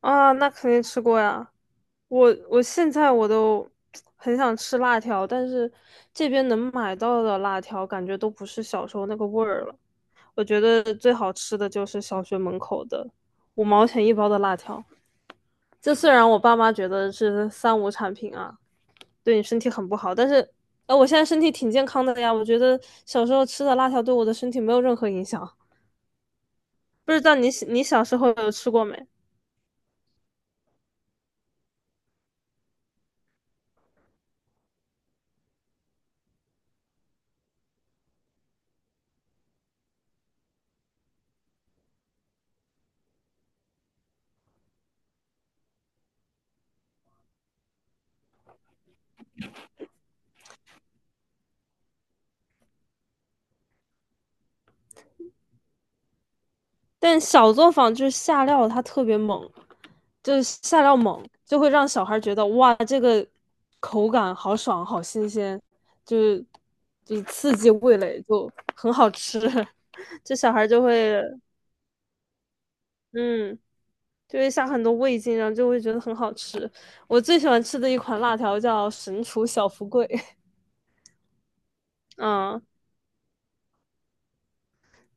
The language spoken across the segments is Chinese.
啊，那肯定吃过呀。我现在我都很想吃辣条，但是这边能买到的辣条感觉都不是小时候那个味儿了。我觉得最好吃的就是小学门口的5毛钱一包的辣条。这虽然我爸妈觉得是三无产品啊，对你身体很不好，但是我现在身体挺健康的呀。我觉得小时候吃的辣条对我的身体没有任何影响。不知道你小时候有吃过没？但小作坊就是下料，它特别猛，就是下料猛，就会让小孩觉得哇，这个口感好爽，好新鲜，就是就是刺激味蕾，就很好吃。这小孩就会，嗯，就会下很多味精，然后就会觉得很好吃。我最喜欢吃的一款辣条叫神厨小福贵，嗯，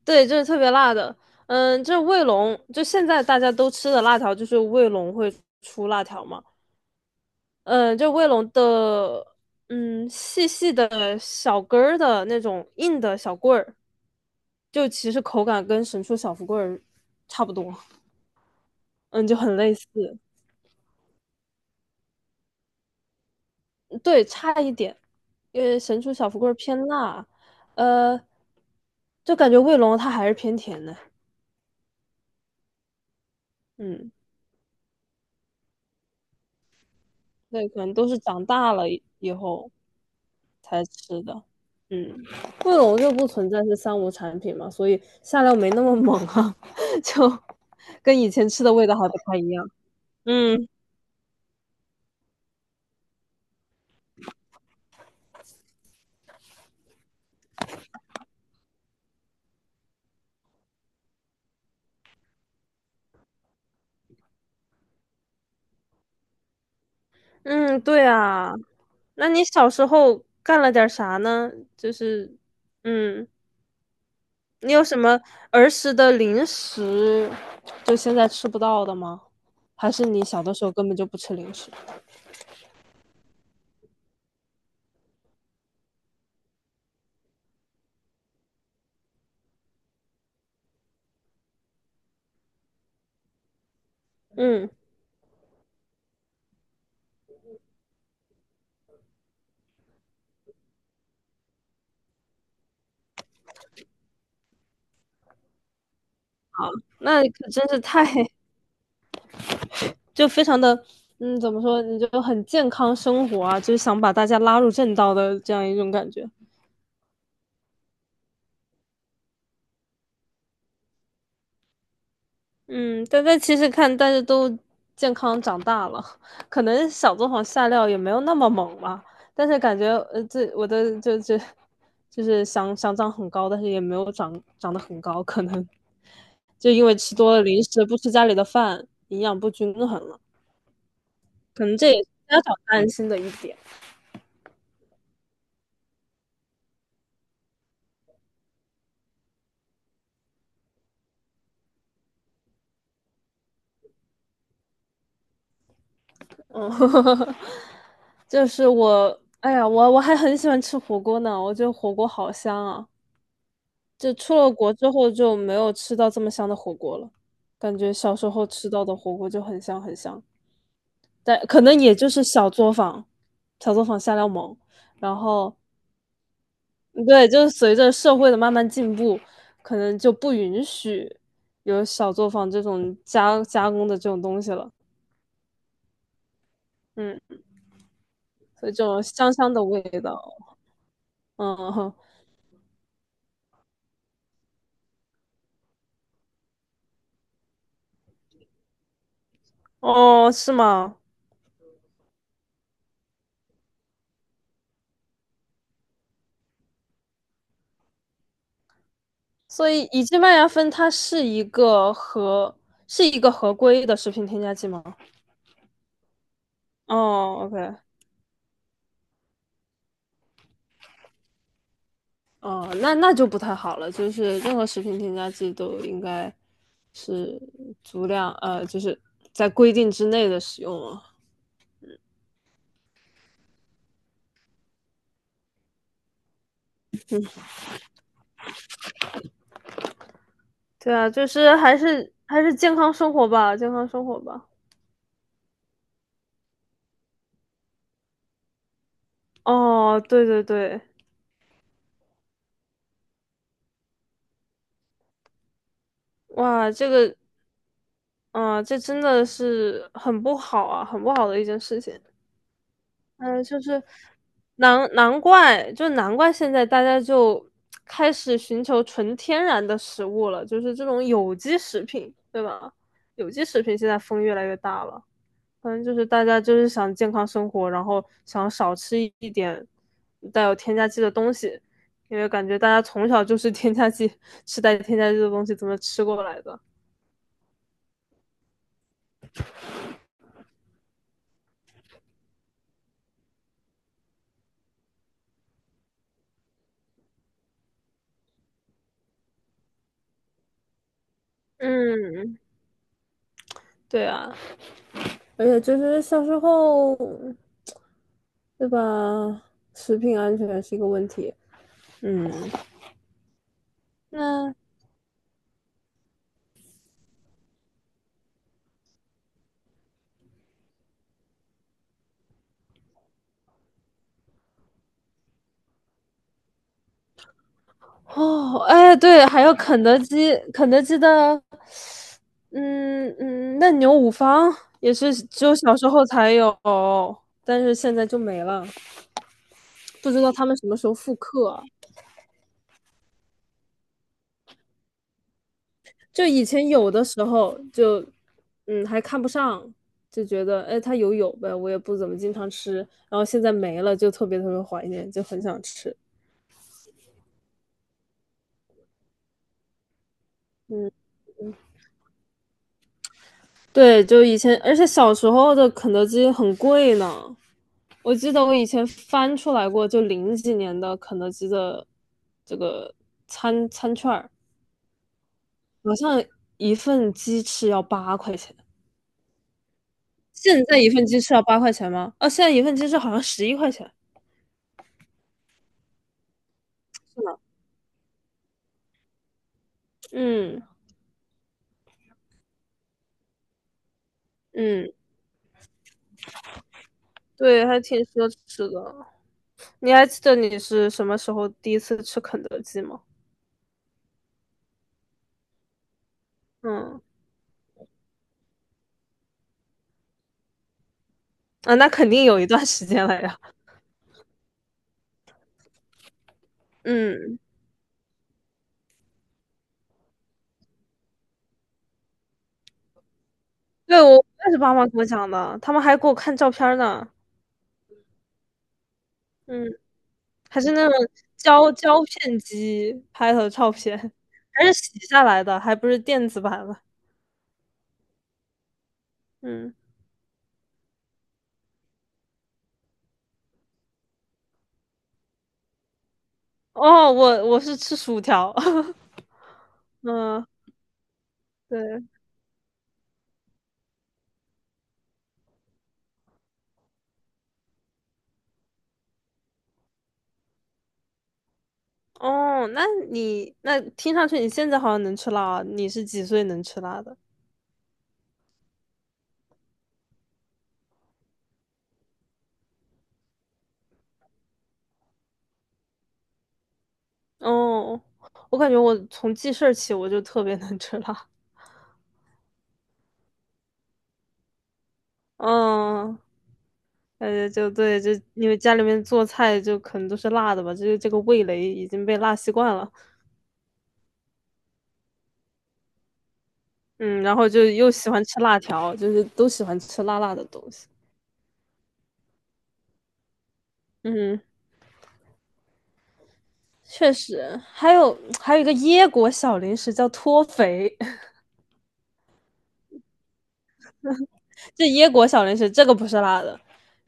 对，就是特别辣的。嗯，就是卫龙，就现在大家都吃的辣条，就是卫龙会出辣条嘛。就卫龙的，嗯，细细的小根儿的那种硬的小棍儿，就其实口感跟神厨小福棍儿差不多，嗯，就很类似，对，差一点，因为神厨小福棍儿偏辣，呃，就感觉卫龙它还是偏甜的，嗯，对，可能都是长大了以后才吃的，嗯，卫龙就不存在是三无产品嘛，所以下料没那么猛啊，就跟以前吃的味道还不太一样。嗯嗯，对啊。那你小时候干了点儿啥呢？就是，嗯，你有什么儿时的零食，就现在吃不到的吗？还是你小的时候根本就不吃零食？嗯，那你可真是太，就非常的，嗯，怎么说，你就很健康生活啊，就是想把大家拉入正道的这样一种感觉。嗯，但其实看大家都健康长大了，可能小作坊下料也没有那么猛吧，但是感觉这我的就是想长很高，但是也没有长得很高，可能就因为吃多了零食，不吃家里的饭，营养不均衡了，可能这也是家长担心的一点。嗯，就是我，哎呀，我还很喜欢吃火锅呢，我觉得火锅好香啊。就出了国之后就没有吃到这么香的火锅了，感觉小时候吃到的火锅就很香很香，但可能也就是小作坊，小作坊下料猛，然后嗯，对，就是随着社会的慢慢进步，可能就不允许有小作坊这种加工的这种东西了，嗯，所以这种香香的味道，嗯哼，哦，是吗？所以乙基麦芽酚它是一个合规的食品添加剂吗？哦，OK,哦，那就不太好了，就是任何食品添加剂都应该是足量，就是在规定之内的使用啊。对啊，就是还是健康生活吧，健康生活吧。哦，对对对，哇，这个，啊，这真的是很不好啊，很不好的一件事情。嗯，就是难怪，就难怪现在大家就开始寻求纯天然的食物了，就是这种有机食品，对吧？有机食品现在风越来越大了，反正就是大家就是想健康生活，然后想少吃一点带有添加剂的东西，因为感觉大家从小就是 添加剂，吃带添加剂的东西怎么吃过来的？嗯，对啊，而且就是小时候。对吧？食品安全是一个问题。嗯，那哦，哎，对，还有肯德基，肯德基的，嗯嗯，嫩牛五方也是只有小时候才有，但是现在就没了，不知道他们什么时候复刻。就以前有的时候就，嗯，还看不上，就觉得哎，它有呗，我也不怎么经常吃，然后现在没了，就特别特别怀念，就很想吃。嗯。对，就以前，而且小时候的肯德基很贵呢。我记得我以前翻出来过，就零几年的肯德基的这个餐券儿，好像一份鸡翅要八块钱。现在一份鸡翅要八块钱吗？哦，现在一份鸡翅好像11块钱，是吗？嗯嗯，对，还挺奢侈的。你还记得你是什么时候第一次吃肯德基吗？嗯，啊，那肯定有一段时间了呀。嗯。对，我也是爸妈给我讲的，他们还给我看照片儿呢，嗯，还是那种胶片机拍的照片，还是洗下来的，还不是电子版的，嗯，哦，我是吃薯条，嗯，对，哦，那你那听上去你现在好像能吃辣啊，你是几岁能吃辣的？哦，我感觉我从记事儿起我就特别能吃辣，嗯。就对，就因为家里面做菜就可能都是辣的吧，就是这个味蕾已经被辣习惯了。嗯，然后就又喜欢吃辣条，就是都喜欢吃辣辣的东西。嗯，确实，还有一个椰果小零食叫脱肥，这椰果小零食这个不是辣的，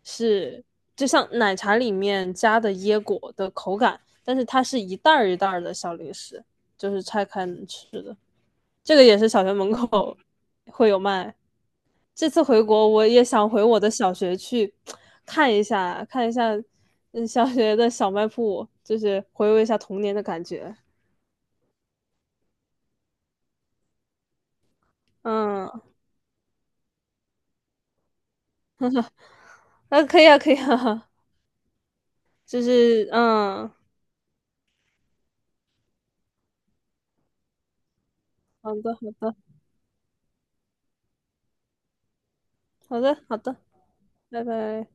是就像奶茶里面加的椰果的口感，但是它是一袋儿一袋儿的小零食，就是拆开能吃的。这个也是小学门口 会有卖。这次回国，我也想回我的小学去看一下，看一下小学的小卖部，就是回味一下童年的感觉。嗯，那啊可以啊，可以啊，就是嗯，好的，好的，好的，好的，拜拜。